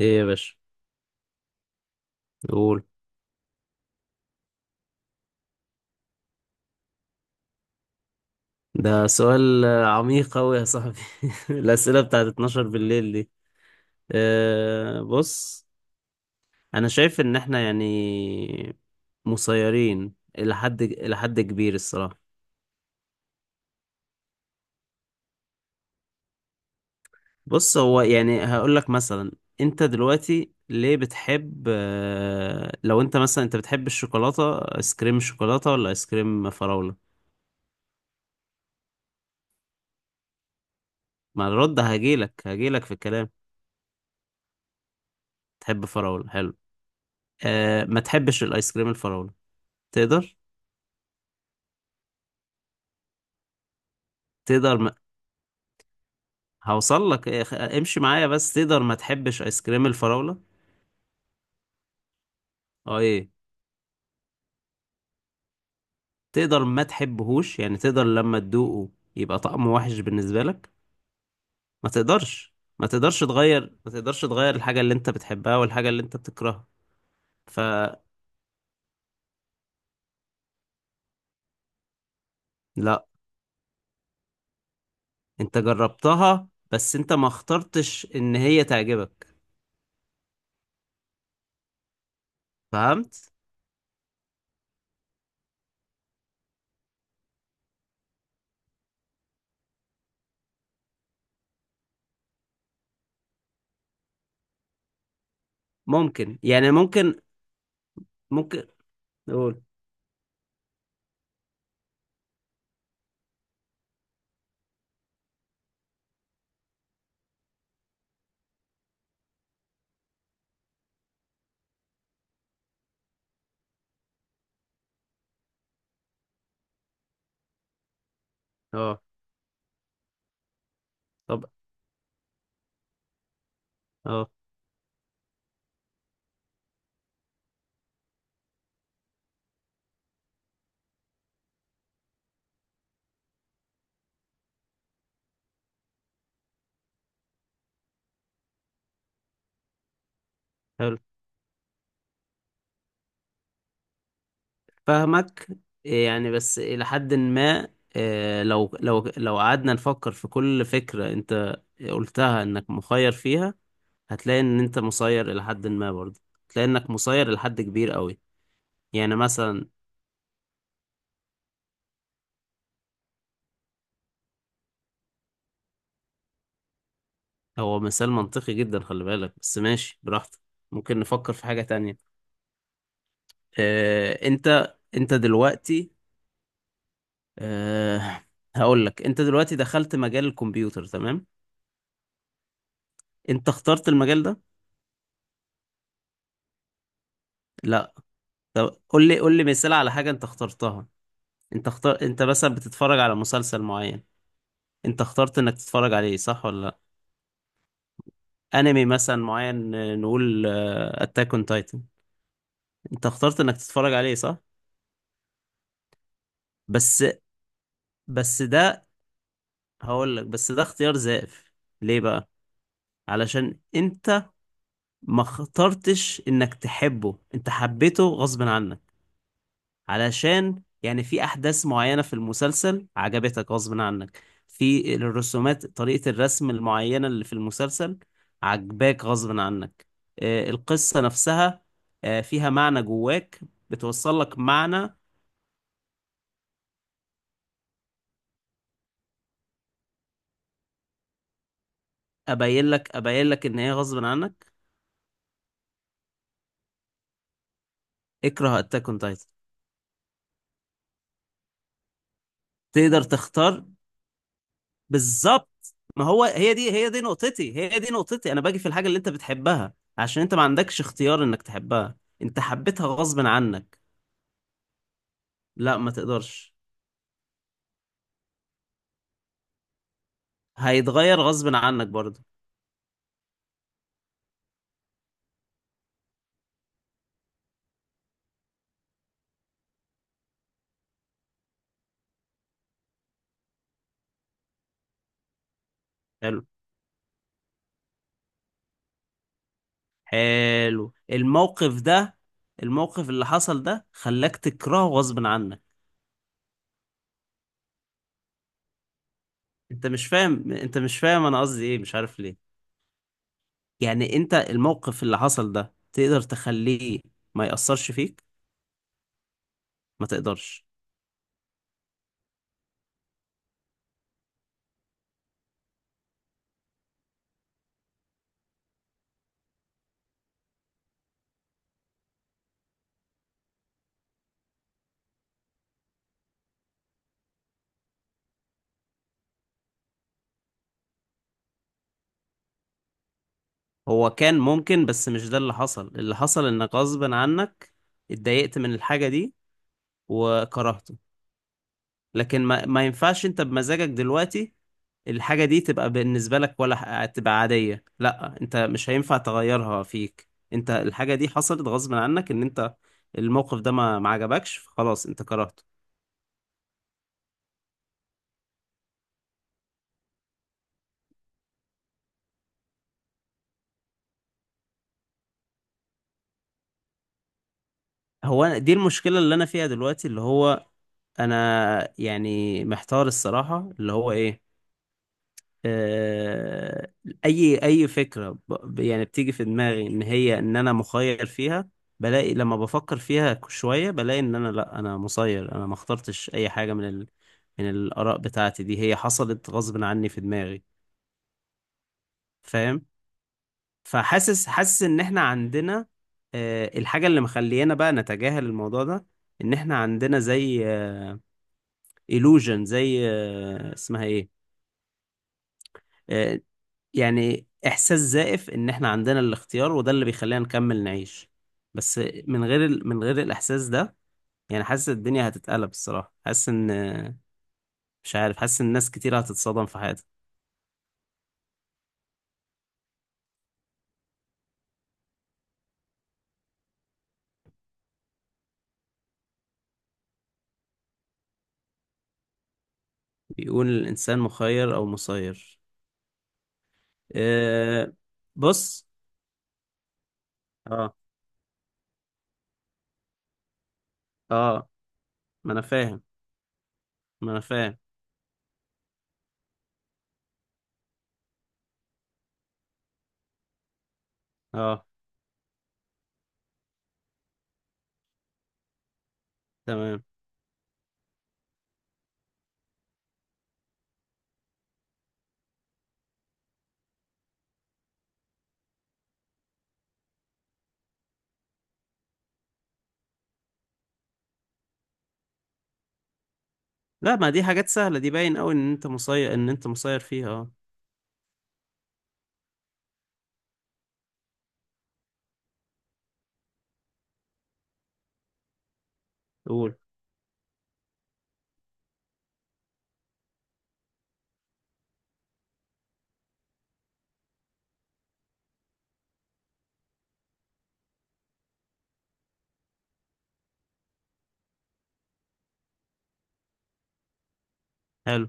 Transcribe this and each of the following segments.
ايه يا باشا. قول. ده سؤال عميق أوي يا صاحبي الأسئلة بتاعت 12 بالليل دي. بص. أنا شايف إن إحنا يعني مسيرين إلى حد كبير الصراحة. بص، هو يعني هقول لك مثلا. أنت دلوقتي ليه بتحب لو أنت مثلا بتحب الشوكولاتة، آيس كريم شوكولاتة ولا آيس كريم فراولة؟ مع الرد هجيلك في الكلام. تحب فراولة. حلو. ما تحبش الآيس كريم الفراولة. تقدر؟ تقدر ما... هوصل لك إيه، امشي معايا. بس تقدر ما تحبش ايس كريم الفراولة؟ اه، ايه. تقدر ما تحبهوش، يعني تقدر لما تدوقه يبقى طعمه وحش بالنسبة لك؟ ما تقدرش تغير الحاجة اللي انت بتحبها والحاجة اللي انت بتكرهها. فلا. انت جربتها بس انت ما اخترتش ان هي تعجبك. فهمت. ممكن يعني ممكن ممكن نقول. اه. طب. اه. حلو. فاهمك. إيه يعني، بس إلى حد ما. إيه، لو قعدنا نفكر في كل فكرة أنت قلتها إنك مخير فيها، هتلاقي إن أنت مسير إلى حد ما برضه. هتلاقي إنك مسير إلى حد كبير قوي. يعني مثلا، هو مثال منطقي جدا خلي بالك، بس ماشي براحتك. ممكن نفكر في حاجة تانية. إيه، أنت دلوقتي. إيه. هقول لك، أنت دلوقتي دخلت مجال الكمبيوتر، تمام؟ أنت اخترت المجال ده؟ لا. طب قول لي مثال على حاجة أنت اخترتها. انت مثلا بتتفرج على مسلسل معين. انت اخترت انك تتفرج عليه، صح ولا لا؟ انمي مثلا معين، نقول اتاك اون تايتن. انت اخترت انك تتفرج عليه، صح؟ بس بس ده، هقول لك بس ده اختيار زائف. ليه بقى؟ علشان انت ما اخترتش انك تحبه، انت حبيته غصب عنك. علشان يعني في احداث معينة في المسلسل عجبتك غصب عنك، في الرسومات طريقة الرسم المعينة اللي في المسلسل عجباك غصب عنك. القصة نفسها فيها معنى جواك. بتوصل لك معنى. ابين لك ان هي غصب عنك. اكره اتاك اون تايتن. تقدر تختار؟ بالظبط، ما هو هي دي نقطتي، انا باجي في الحاجة اللي انت بتحبها عشان انت ما عندكش اختيار انك تحبها. انت حبيتها غصب عنك. لا، ما تقدرش. هيتغير غصب عنك برضه. حلو. حلو الموقف ده. الموقف اللي حصل ده خلاك تكرهه غصب عنك. انت مش فاهم انا قصدي ايه، مش عارف ليه. يعني انت الموقف اللي حصل ده تقدر تخليه ما يأثرش فيك؟ ما تقدرش. هو كان ممكن، بس مش ده اللي حصل. اللي حصل انك غصب عنك اتضايقت من الحاجة دي وكرهته. لكن ما ينفعش انت بمزاجك دلوقتي الحاجة دي تبقى بالنسبة لك، ولا تبقى عادية. لا، انت مش هينفع تغيرها، فيك انت الحاجة دي حصلت غصب عنك، ان انت الموقف ده ما عجبكش فخلاص انت كرهته. دي المشكلة اللي انا فيها دلوقتي، اللي هو انا يعني محتار الصراحة، اللي هو ايه، آه، اي فكره يعني بتيجي في دماغي ان انا مخير فيها، بلاقي لما بفكر فيها شويه بلاقي ان انا، لا، انا مسير. انا ما اخترتش اي حاجه من الاراء بتاعتي دي، هي حصلت غصب عني في دماغي. فاهم؟ فحاسس ان احنا عندنا الحاجه اللي مخلينا بقى نتجاهل الموضوع ده، ان احنا عندنا زي illusion، زي اسمها ايه، آه، يعني إحساس زائف إن إحنا عندنا الاختيار، وده اللي بيخلينا نكمل نعيش. بس من غير الإحساس ده يعني حاسس الدنيا هتتقلب الصراحة، حاسس إن، مش عارف، حاسس إن ناس كتير هتتصدم في حياتها. بيقول الإنسان مخير أو مسير؟ أه... بص. اه، اه، ما أنا فاهم. ما أنا فاهم. اه. تمام. لا، ما دي حاجات سهلة، دي باين أوي إن أنت مسير فيها. اه. قول. حلو.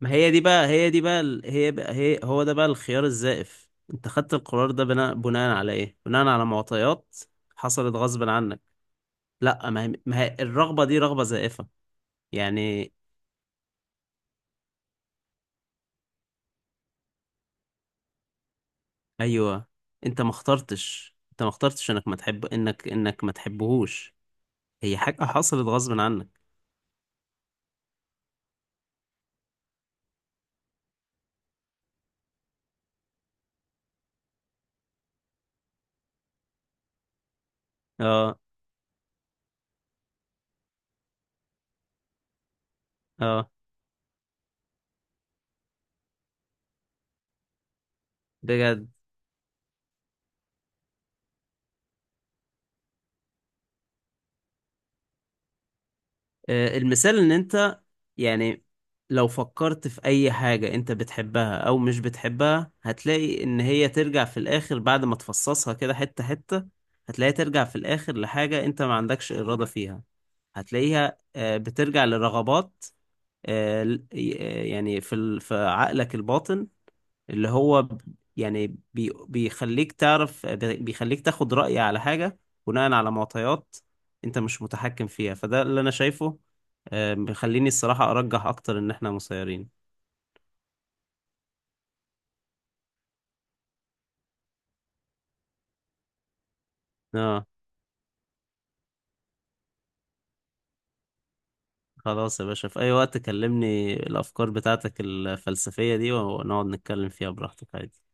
ما هي دي بقى هي بقى هي هو ده بقى الخيار الزائف. انت خدت القرار ده بناء على ايه؟ بناء على معطيات حصلت غصب عنك. لا، ما هي الرغبة دي رغبة زائفة يعني. ايوه، انت ما اخترتش انك ما تحب، انك ما تحبهوش. هي حاجة حصلت غصب عنك. اه. اه. بجد. المثال ان انت يعني، لو فكرت في اي حاجة انت بتحبها او مش بتحبها، هتلاقي ان هي ترجع في الاخر بعد ما تفصصها كده حتة حتة. هتلاقيها ترجع في الاخر لحاجة انت ما عندكش ارادة فيها. هتلاقيها بترجع لرغبات، يعني في في عقلك الباطن، اللي هو يعني بيخليك تعرف، بيخليك تاخد رأي على حاجة بناء على معطيات انت مش متحكم فيها، فده اللي انا شايفه. بيخليني الصراحة ارجح اكتر ان احنا مسيرين. اه. خلاص يا باشا، في اي وقت كلمني. الافكار بتاعتك الفلسفية دي ونقعد نتكلم فيها براحتك عادي.